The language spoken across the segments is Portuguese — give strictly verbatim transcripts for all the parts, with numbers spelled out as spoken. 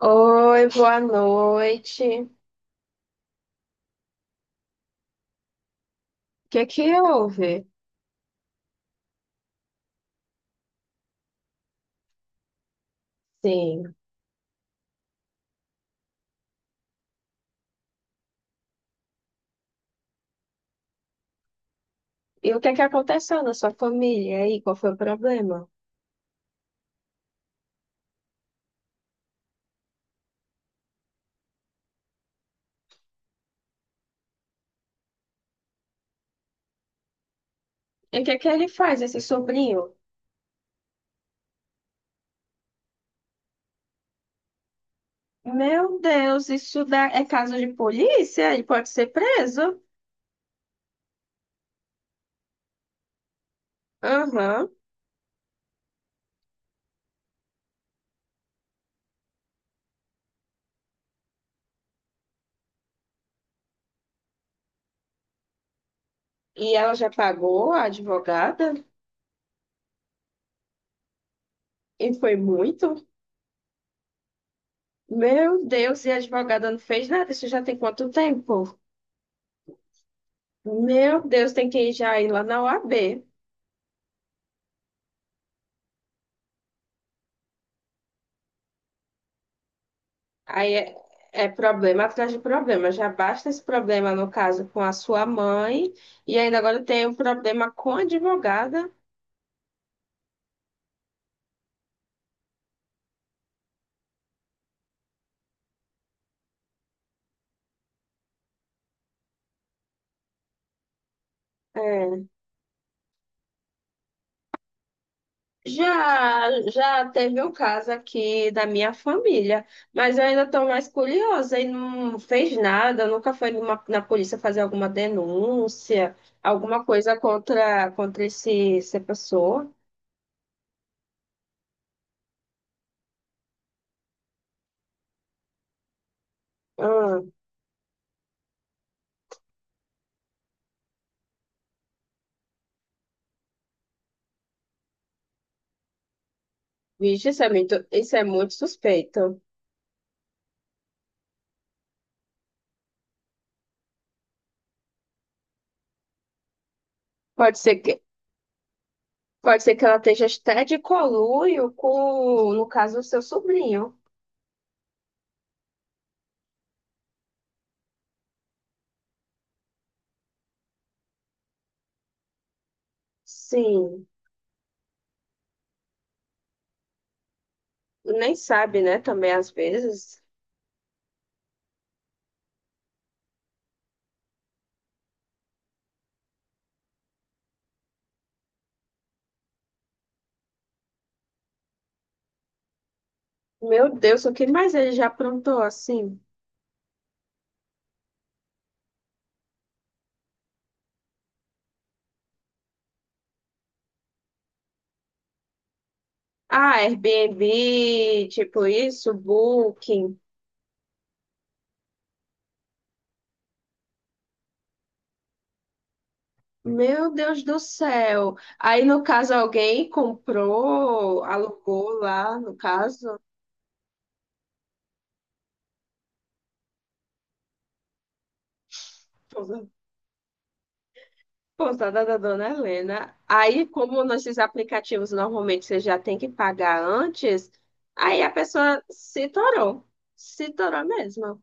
Oi, boa noite. O que que houve? Sim. E o que é que aconteceu na sua família aí? Qual foi o problema? E o que é que ele faz, esse sobrinho? Meu Deus, isso dá... é caso de polícia? Ele pode ser preso? Aham. E ela já pagou a advogada? E foi muito? Meu Deus, e a advogada não fez nada? Isso já tem quanto tempo? Meu Deus, tem que ir já ir lá na O A B. Aí é, é problema atrás de problema. Já basta esse problema, no caso, com a sua mãe, e ainda agora tem um problema com a advogada. É. Já, já teve um caso aqui da minha família, mas eu ainda estou mais curiosa e não fez nada, nunca foi numa- na polícia fazer alguma denúncia, alguma coisa contra, contra esse, essa pessoa. Ah, vixe, isso é muito, isso é muito suspeito. Pode ser que Pode ser que ela esteja até de conluio com, no caso, o seu sobrinho. Sim, nem sabe, né? Também às vezes. Meu Deus, o que mais ele já aprontou assim? Ah, Airbnb, tipo isso, Booking. Meu Deus do céu. Aí, no caso, alguém comprou, alugou lá, no caso. Pousada da Dona Helena. Aí, como nesses aplicativos normalmente você já tem que pagar antes, aí a pessoa se torou. Se torou mesmo.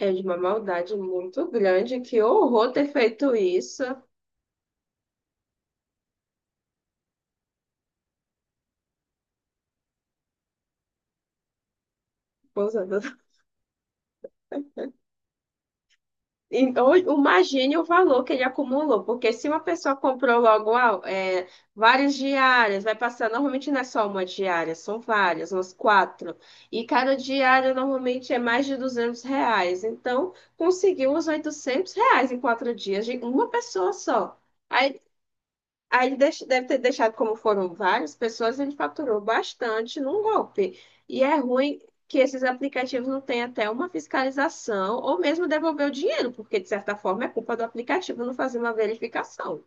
É de uma maldade muito grande. Que horror ter feito isso. Pousada Então, imagine o valor que ele acumulou, porque se uma pessoa comprou logo ah, é, várias diárias, vai passar, normalmente não é só uma diária, são várias, umas quatro, e cada diária normalmente é mais de duzentos reais, então conseguiu os oitocentos reais em quatro dias, de uma pessoa só. Aí ele deix- deve ter deixado, como foram várias pessoas, ele faturou bastante num golpe. E é ruim que esses aplicativos não tenham até uma fiscalização ou mesmo devolver o dinheiro, porque de certa forma é culpa do aplicativo não fazer uma verificação.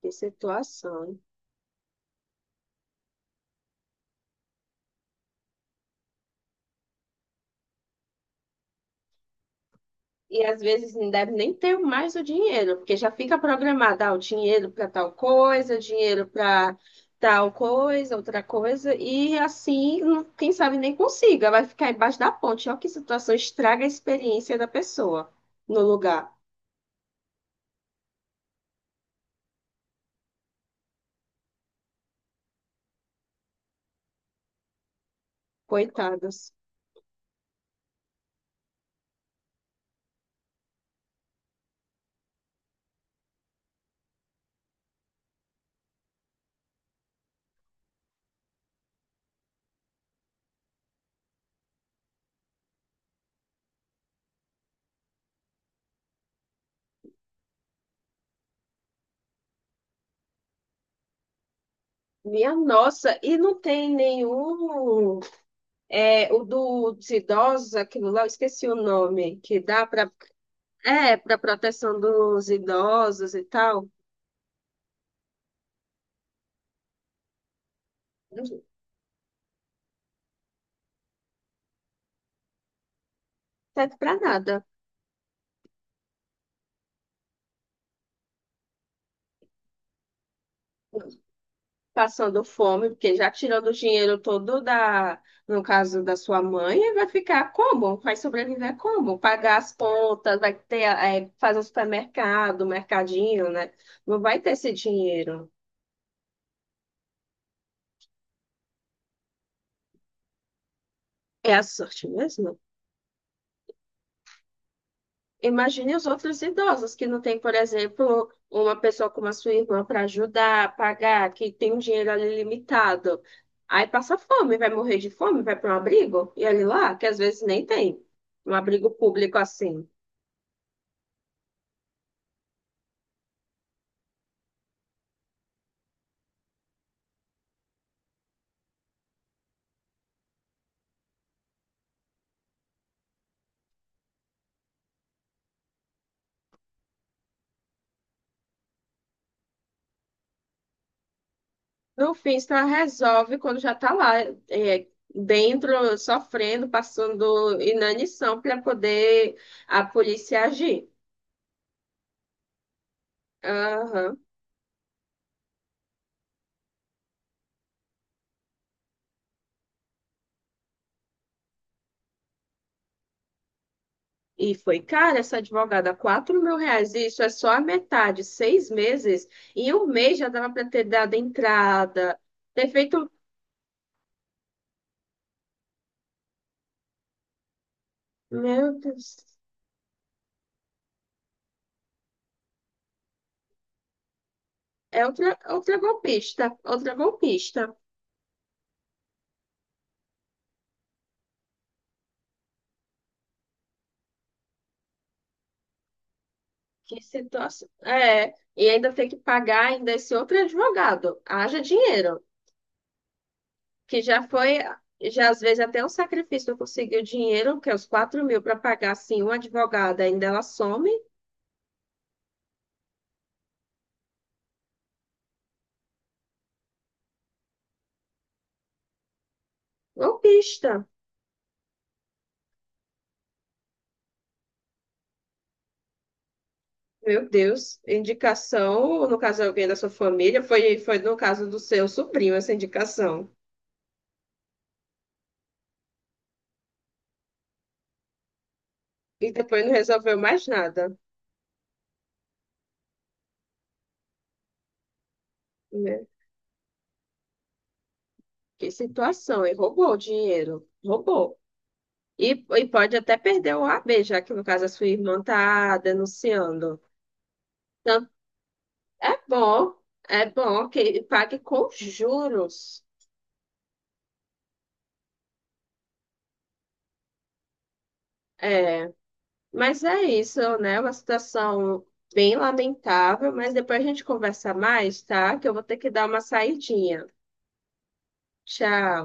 Que situação, e às vezes não deve nem ter mais o dinheiro, porque já fica programado, ah, o dinheiro para tal coisa, dinheiro para tal coisa, outra coisa, e assim, não- quem sabe nem consiga, vai ficar embaixo da ponte. Olha que situação, estraga a experiência da pessoa no lugar. Coitados. Minha nossa, e não tem nenhum. É, o do, dos idosos, aquilo lá, eu esqueci o nome, que dá para. É, para proteção dos idosos e tal. Não serve para nada. Passando fome, porque já tirando o dinheiro todo da, no caso da sua mãe, vai ficar como? Vai sobreviver como? Pagar as contas, vai ter, é, fazer um supermercado, um mercadinho, né? Não vai ter esse dinheiro. É a sorte mesmo? Imagine os outros idosos que não tem, por exemplo, uma pessoa como a sua irmã para ajudar, pagar, que tem um dinheiro ali limitado. Aí passa fome, vai morrer de fome, vai para um abrigo, e ele lá, que às vezes nem tem um abrigo público assim. No fim, só resolve quando já está lá, é, dentro, sofrendo, passando inanição para poder a polícia agir. Aham. E foi cara essa advogada, quatro mil reais, isso é só a metade, seis meses. Em um mês já dava para ter dado entrada, ter feito. Meu Deus, é outra, outra golpista, outra golpista. Que situação. É, e ainda tem que pagar ainda esse outro advogado. Haja dinheiro que já foi, já às vezes até um sacrifício eu conseguir o dinheiro, que é os quatro mil para pagar assim um advogado, ainda ela some, golpista. Meu Deus, indicação, no caso alguém da sua família, foi, foi no caso do seu sobrinho essa indicação. E depois não resolveu mais nada, né? Que situação, e roubou o dinheiro, roubou. E, e pode até perder o A B, já que no caso a sua irmã está denunciando. Então, é bom, é bom que pague com juros. É, mas é isso, né? é uma situação bem lamentável, mas depois a gente conversa mais, tá? Que eu vou ter que dar uma saidinha. Tchau.